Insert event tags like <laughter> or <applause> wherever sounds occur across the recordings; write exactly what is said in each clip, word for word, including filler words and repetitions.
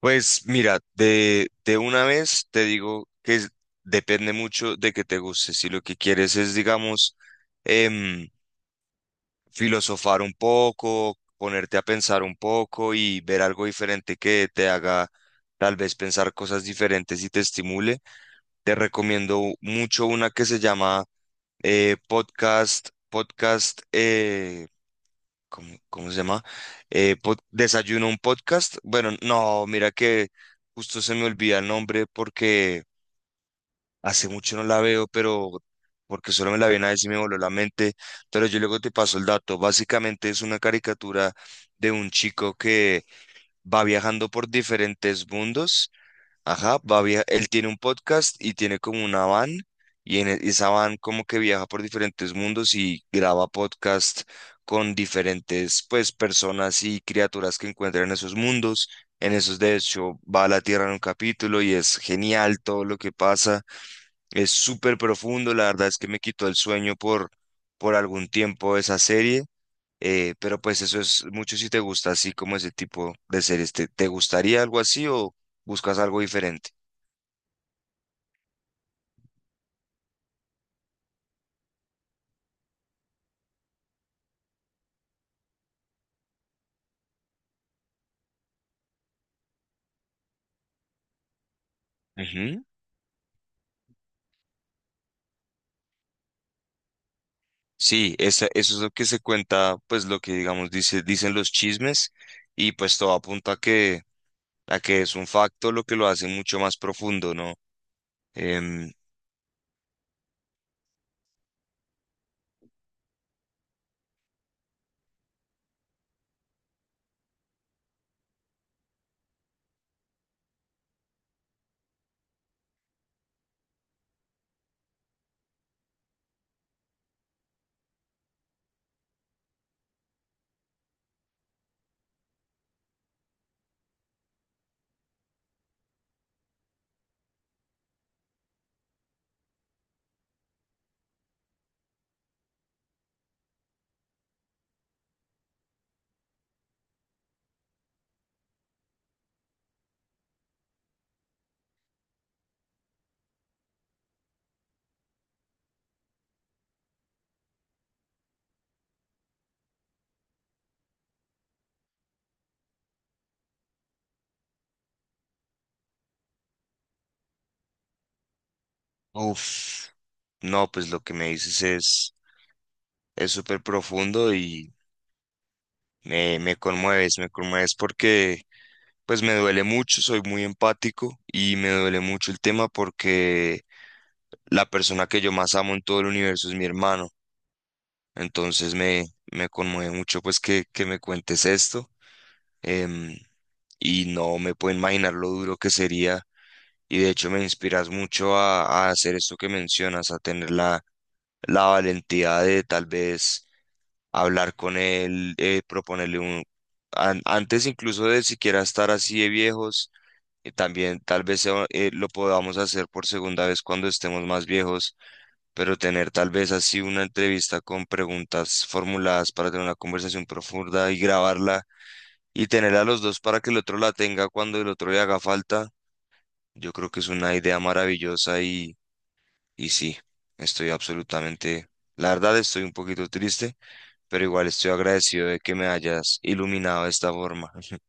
Pues mira, de, de una vez te digo que es- depende mucho de que te guste. Si lo que quieres es, digamos, em, filosofar un poco, ponerte a pensar un poco y ver algo diferente que te haga tal vez pensar cosas diferentes y te estimule, te recomiendo mucho una que se llama eh, podcast, podcast, eh, ¿cómo, cómo se llama? Eh, pod- Desayuno un podcast. Bueno, no, mira que justo se me olvida el nombre porque hace mucho no la veo, pero porque solo me la vi una vez y me voló la mente. Pero yo luego te paso el dato. Básicamente es una caricatura de un chico que va viajando por diferentes mundos. Ajá, va a via- él tiene un podcast y tiene como una van y en e- esa van como que viaja por diferentes mundos y graba podcast con diferentes pues personas y criaturas que encuentra en esos mundos. En esos de hecho va a la Tierra en un capítulo y es genial todo lo que pasa. Es súper profundo, la verdad es que me quitó el sueño por por algún tiempo esa serie. Eh, pero pues eso es mucho si te gusta así como ese tipo de series. ¿Te, te gustaría algo así o buscas algo diferente? Ujú. Sí, esa- eso es lo que se cuenta, pues lo que digamos dice, dicen los chismes y pues todo apunta a que, a que es un facto lo que lo hace mucho más profundo, ¿no? Em, Uf. No, pues lo que me dices es es súper profundo y me, me conmueves, me conmueves porque pues me duele mucho, soy muy empático y me duele mucho el tema porque la persona que yo más amo en todo el universo es mi hermano. Entonces me, me conmueve mucho pues que, que me cuentes esto, em, y no me puedo imaginar lo duro que sería, y de hecho me inspiras mucho a, a hacer esto que mencionas, a tener la, la valentía de tal vez hablar con él, eh, proponerle un. An- antes incluso de siquiera estar así de viejos, eh, también tal vez sea, eh, lo podamos hacer por segunda vez cuando estemos más viejos, pero tener tal vez así una entrevista con preguntas formuladas para tener una conversación profunda y grabarla y tener a los dos para que el otro la tenga cuando el otro le haga falta, yo creo que es una idea maravillosa y, y sí, estoy absolutamente. La verdad estoy un poquito triste pero igual estoy agradecido de que me hayas iluminado de esta forma. <laughs>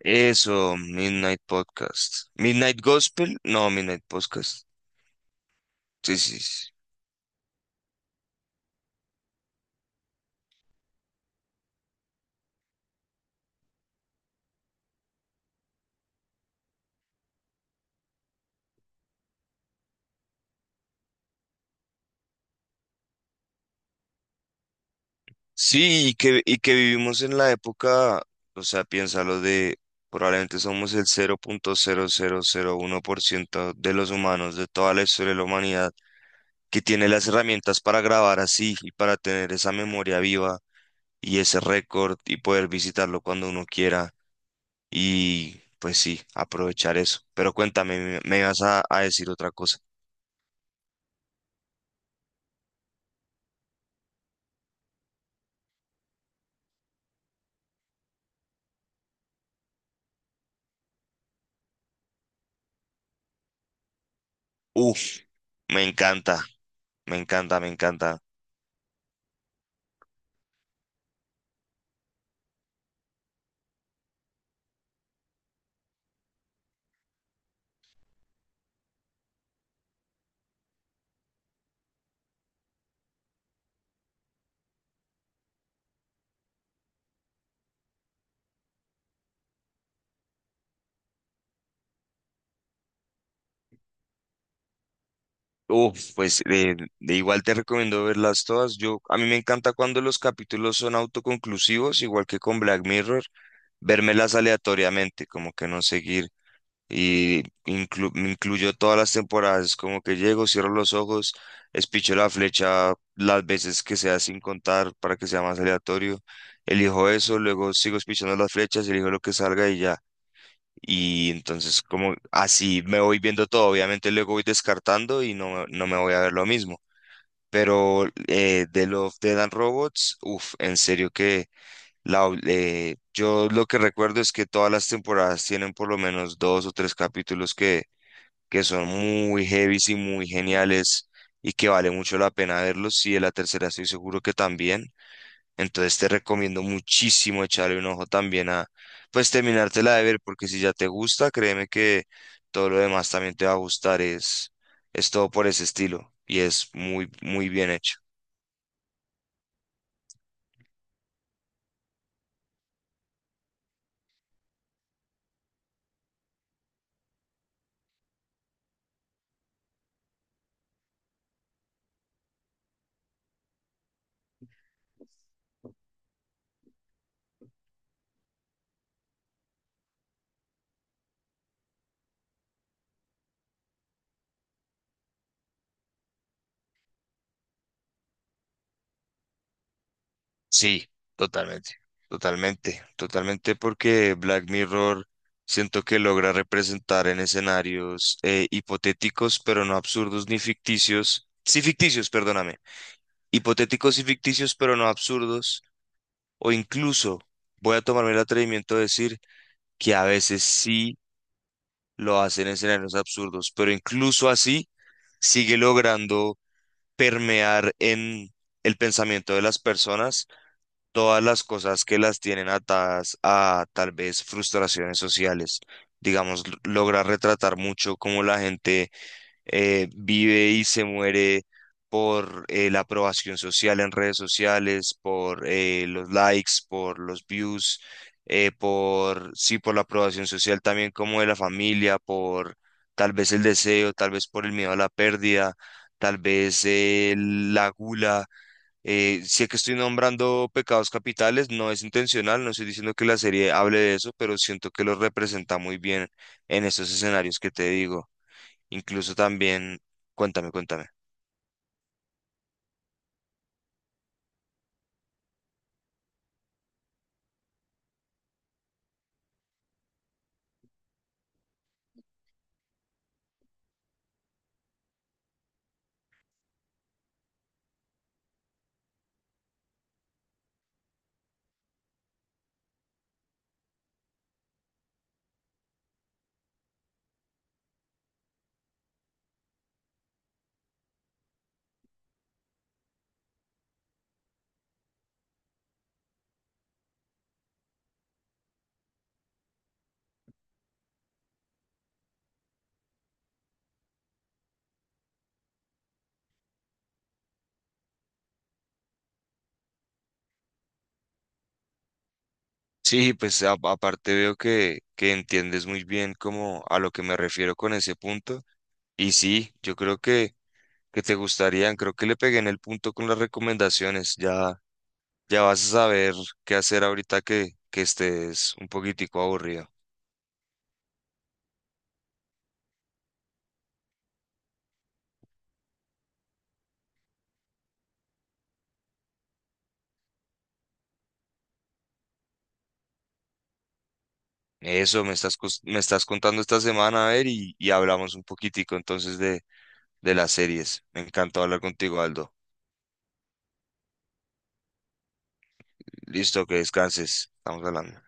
Eso, Midnight Podcast. Midnight Gospel, no, Midnight Podcast. Sí, sí, sí. Sí, y que, y que vivimos en la época, o sea, piénsalo de, probablemente somos el cero punto cero cero cero uno por ciento de los humanos, de toda la historia de la humanidad, que tiene las herramientas para grabar así y para tener esa memoria viva y ese récord y poder visitarlo cuando uno quiera. Y pues sí, aprovechar eso. Pero cuéntame, me, me vas a, a decir otra cosa. Uf, me encanta, me encanta, me encanta. Uf, pues de, de igual te recomiendo verlas todas. Yo, a mí me encanta cuando los capítulos son autoconclusivos, igual que con Black Mirror, vérmelas aleatoriamente, como que no seguir y inclu- me incluyó todas las temporadas, como que llego, cierro los ojos, espicho la flecha las veces que sea sin contar para que sea más aleatorio, elijo eso, luego sigo espichando las flechas, elijo lo que salga y ya. Y entonces como así me voy viendo todo, obviamente luego voy descartando y no, no me voy a ver lo mismo. Pero eh, de Love, Dead and Robots, uff, en serio que la, eh, yo lo que recuerdo es que todas las temporadas tienen por lo menos dos o tres capítulos que, que son muy heavy y muy geniales y que vale mucho la pena verlos. Y de la tercera estoy seguro que también. Entonces te recomiendo muchísimo echarle un ojo también a, pues terminártela de ver, porque si ya te gusta, créeme que todo lo demás también te va a gustar. Es, es todo por ese estilo y es muy, muy bien hecho. Sí, totalmente, totalmente, totalmente porque Black Mirror siento que logra representar en escenarios eh, hipotéticos, pero no absurdos ni ficticios. Sí, ficticios, perdóname. Hipotéticos y ficticios, pero no absurdos. O incluso voy a tomarme el atrevimiento de decir que a veces sí lo hacen en escenarios absurdos, pero incluso así sigue logrando permear en el pensamiento de las personas todas las cosas que las tienen atadas a tal vez frustraciones sociales. Digamos, l- logra retratar mucho cómo la gente eh, vive y se muere por eh, la aprobación social en redes sociales, por eh, los likes, por los views, eh, por, sí, por la aprobación social también como de la familia, por tal vez el deseo, tal vez por el miedo a la pérdida, tal vez eh, la gula, eh, sé que estoy nombrando pecados capitales, no es intencional, no estoy diciendo que la serie hable de eso, pero siento que lo representa muy bien en esos escenarios que te digo. Incluso también, cuéntame, cuéntame. Sí, pues a- aparte veo que, que entiendes muy bien como a lo que me refiero con ese punto. Y sí, yo creo que, que te gustarían, creo que le pegué en el punto con las recomendaciones. Ya, ya vas a saber qué hacer ahorita que, que estés un poquitico aburrido. Eso me estás, cos- me estás contando esta semana, a ver, y, y hablamos un poquitico entonces de, de las series. Me encantó hablar contigo, Aldo. Listo, que descanses. Estamos hablando.